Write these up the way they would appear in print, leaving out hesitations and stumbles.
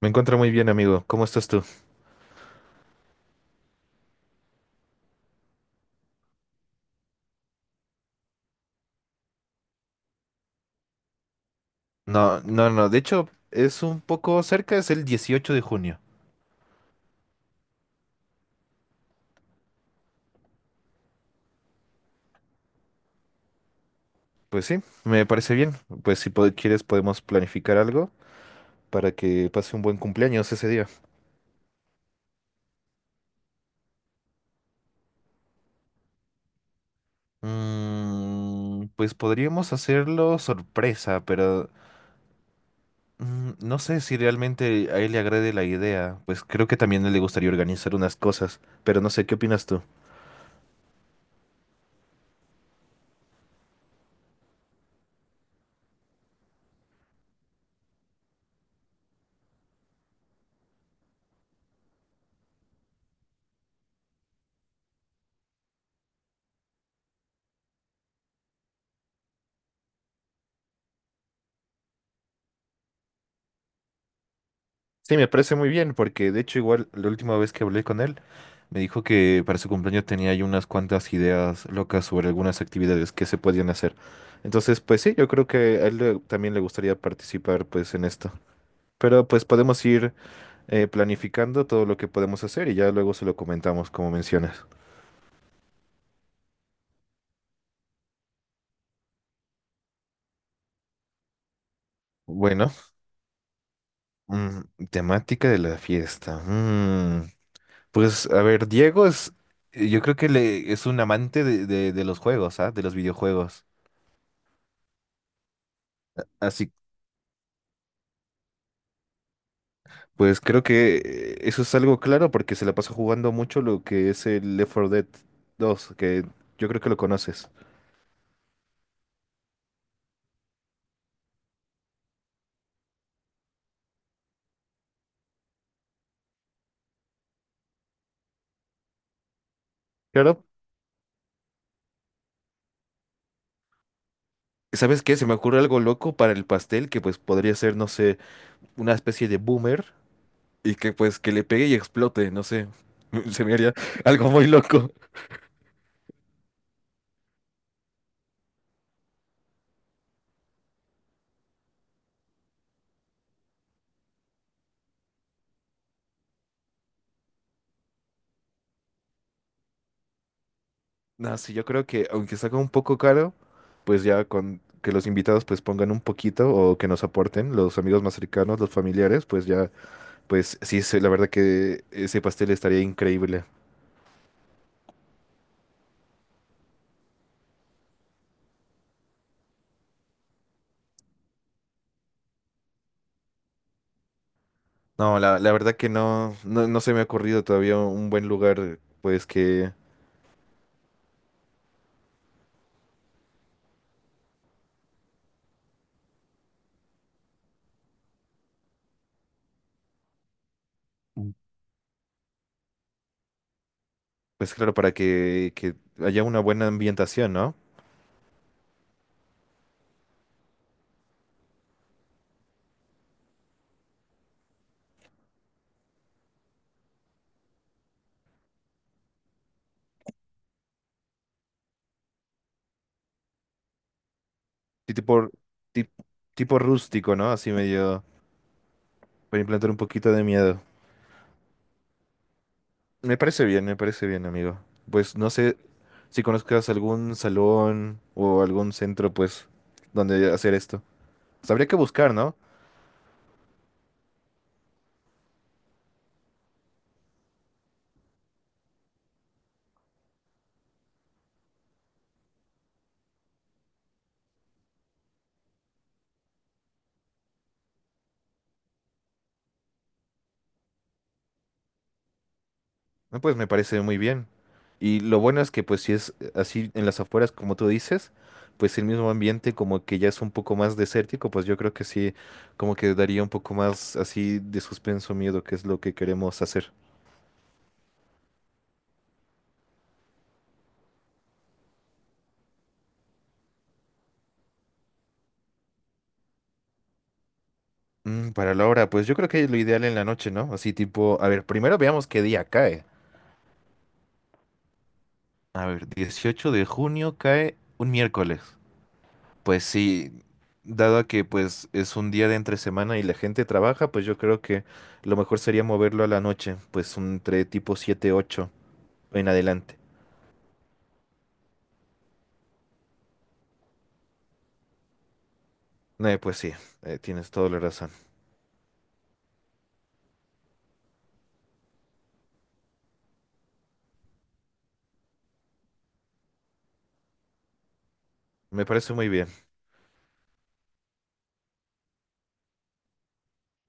Me encuentro muy bien, amigo. ¿Cómo estás tú? No, no, no. De hecho, es un poco cerca, es el dieciocho de junio. Pues sí, me parece bien. Si quieres podemos planificar algo para que pase un buen cumpleaños ese día. Pues podríamos hacerlo sorpresa, pero no sé si realmente a él le agrade la idea. Pues creo que también le gustaría organizar unas cosas, pero no sé, ¿qué opinas tú? Sí, me parece muy bien, porque de hecho igual la última vez que hablé con él, me dijo que para su cumpleaños tenía ahí unas cuantas ideas locas sobre algunas actividades que se podían hacer. Entonces, pues sí, yo creo que también le gustaría participar pues en esto. Pero pues podemos ir planificando todo lo que podemos hacer y ya luego se lo comentamos como mencionas. Bueno, temática de la fiesta. Pues a ver, yo creo que es un amante de, de los juegos, ¿ah? De los videojuegos. Así. Pues creo que eso es algo claro porque se la pasa jugando mucho lo que es el Left 4 Dead 2, que yo creo que lo conoces. Claro. ¿Sabes qué? Se me ocurre algo loco para el pastel que pues podría ser, no sé, una especie de boomer y que pues que le pegue y explote, no sé. Se me haría algo muy loco. No, sí, yo creo que aunque salga un poco caro, pues ya con que los invitados pues pongan un poquito o que nos aporten, los amigos más cercanos, los familiares, pues ya. Pues sí, sí, la verdad que ese pastel estaría increíble. No, la verdad que no, no, no se me ha ocurrido todavía un buen lugar, pues que, pues claro, para que haya una buena ambientación, ¿no? Sí. Tip- Tipo rústico, ¿no? Así medio, para implantar un poquito de miedo. Me parece bien, amigo. Pues no sé si conozcas algún salón o algún centro, pues, donde hacer esto. Pues, habría que buscar, ¿no? No, pues me parece muy bien. Y lo bueno es que pues si es así en las afueras como tú dices, pues el mismo ambiente como que ya es un poco más desértico, pues yo creo que sí, como que daría un poco más así de suspenso, miedo, que es lo que queremos hacer. Para la hora, pues yo creo que lo ideal en la noche, ¿no? Así tipo, a ver, primero veamos qué día cae. A ver, 18 de junio cae un miércoles. Pues sí, dado a que pues es un día de entre semana y la gente trabaja, pues yo creo que lo mejor sería moverlo a la noche, pues entre tipo siete ocho en adelante. Pues sí, tienes toda la razón. Me parece muy bien.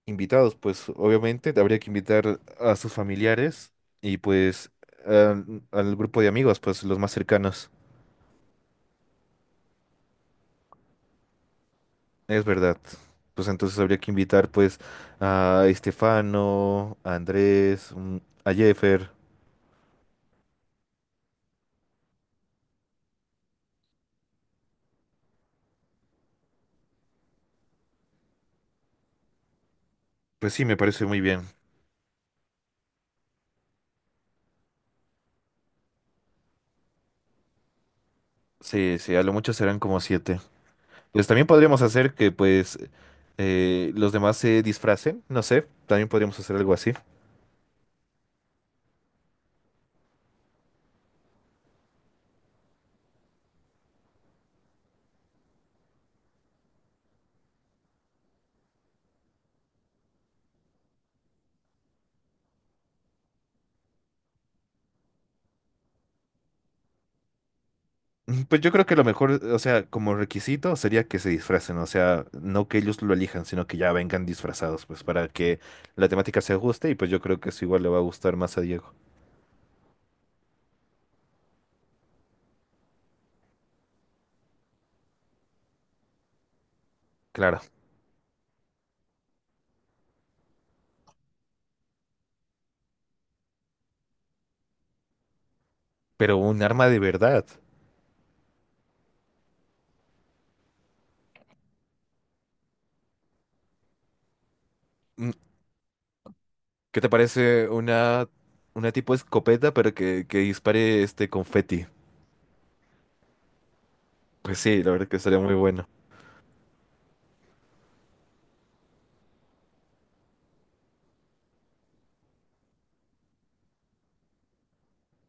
Invitados, pues obviamente habría que invitar a sus familiares y pues al grupo de amigos, pues los más cercanos. Es verdad. Pues entonces habría que invitar pues a Estefano, a Andrés, a Jeffer. Pues sí, me parece muy bien. Sí, sí, a lo mucho serán como siete. Pues también podríamos hacer que pues los demás se disfracen, no sé, también podríamos hacer algo así. Pues yo creo que lo mejor, o sea, como requisito sería que se disfracen, o sea, no que ellos lo elijan, sino que ya vengan disfrazados, pues para que la temática se ajuste y pues yo creo que eso igual le va a gustar más a Diego. Claro, pero un arma de verdad. Mm, ¿Qué te parece una tipo escopeta pero que dispare este confeti? Pues sí, la verdad que sería muy bueno.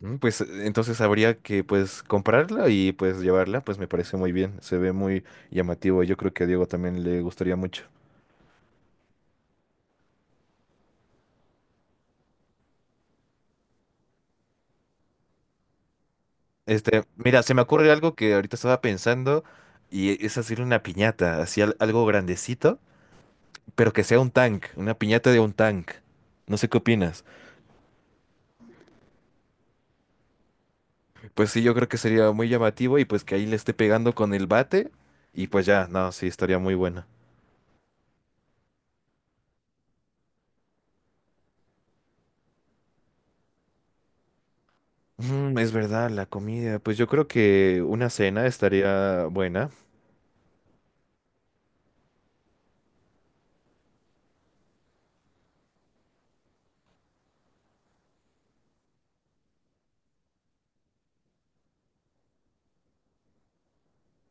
Pues entonces habría que pues comprarla y pues llevarla, pues me parece muy bien, se ve muy llamativo, yo creo que a Diego también le gustaría mucho. Este, mira, se me ocurre algo que ahorita estaba pensando y es hacer una piñata, así algo grandecito, pero que sea un tank, una piñata de un tank. No sé qué opinas. Pues sí, yo creo que sería muy llamativo y pues que ahí le esté pegando con el bate y pues ya, no, sí, estaría muy bueno. Es verdad, la comida, pues yo creo que una cena estaría buena.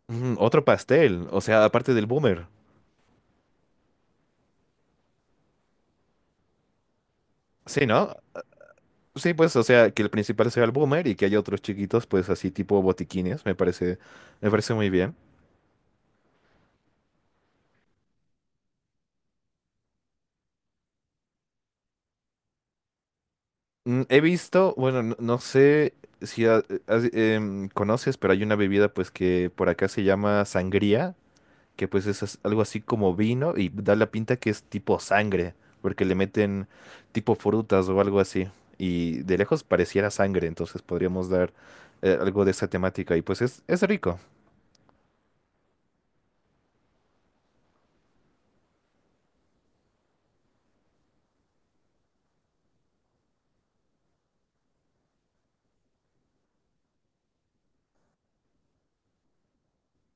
Otro pastel, o sea, aparte del boomer. Sí, ¿no? Sí, pues, o sea, que el principal sea el boomer y que haya otros chiquitos, pues, así tipo botiquines, me parece muy bien. He visto, bueno, no, no sé si conoces, pero hay una bebida, pues, que por acá se llama sangría, que pues es algo así como vino y da la pinta que es tipo sangre, porque le meten tipo frutas o algo así. Y de lejos pareciera sangre, entonces podríamos dar algo de esa temática y pues es rico.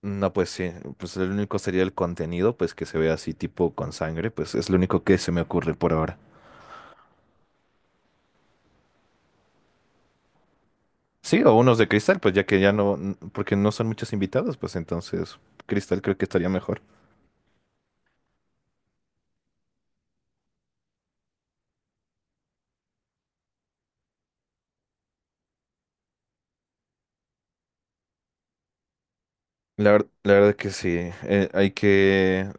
No, pues sí, pues el único sería el contenido, pues que se vea así tipo con sangre, pues es lo único que se me ocurre por ahora. Sí, o unos de cristal, pues ya que ya no, porque no son muchos invitados, pues entonces cristal creo que estaría mejor. La verdad que sí, hay que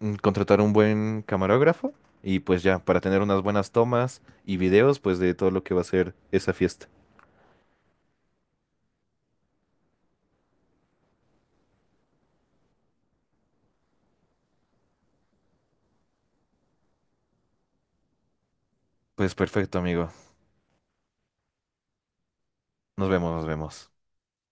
contratar un buen camarógrafo y pues ya, para tener unas buenas tomas y videos, pues de todo lo que va a ser esa fiesta. Pues perfecto, amigo. Nos vemos, nos vemos.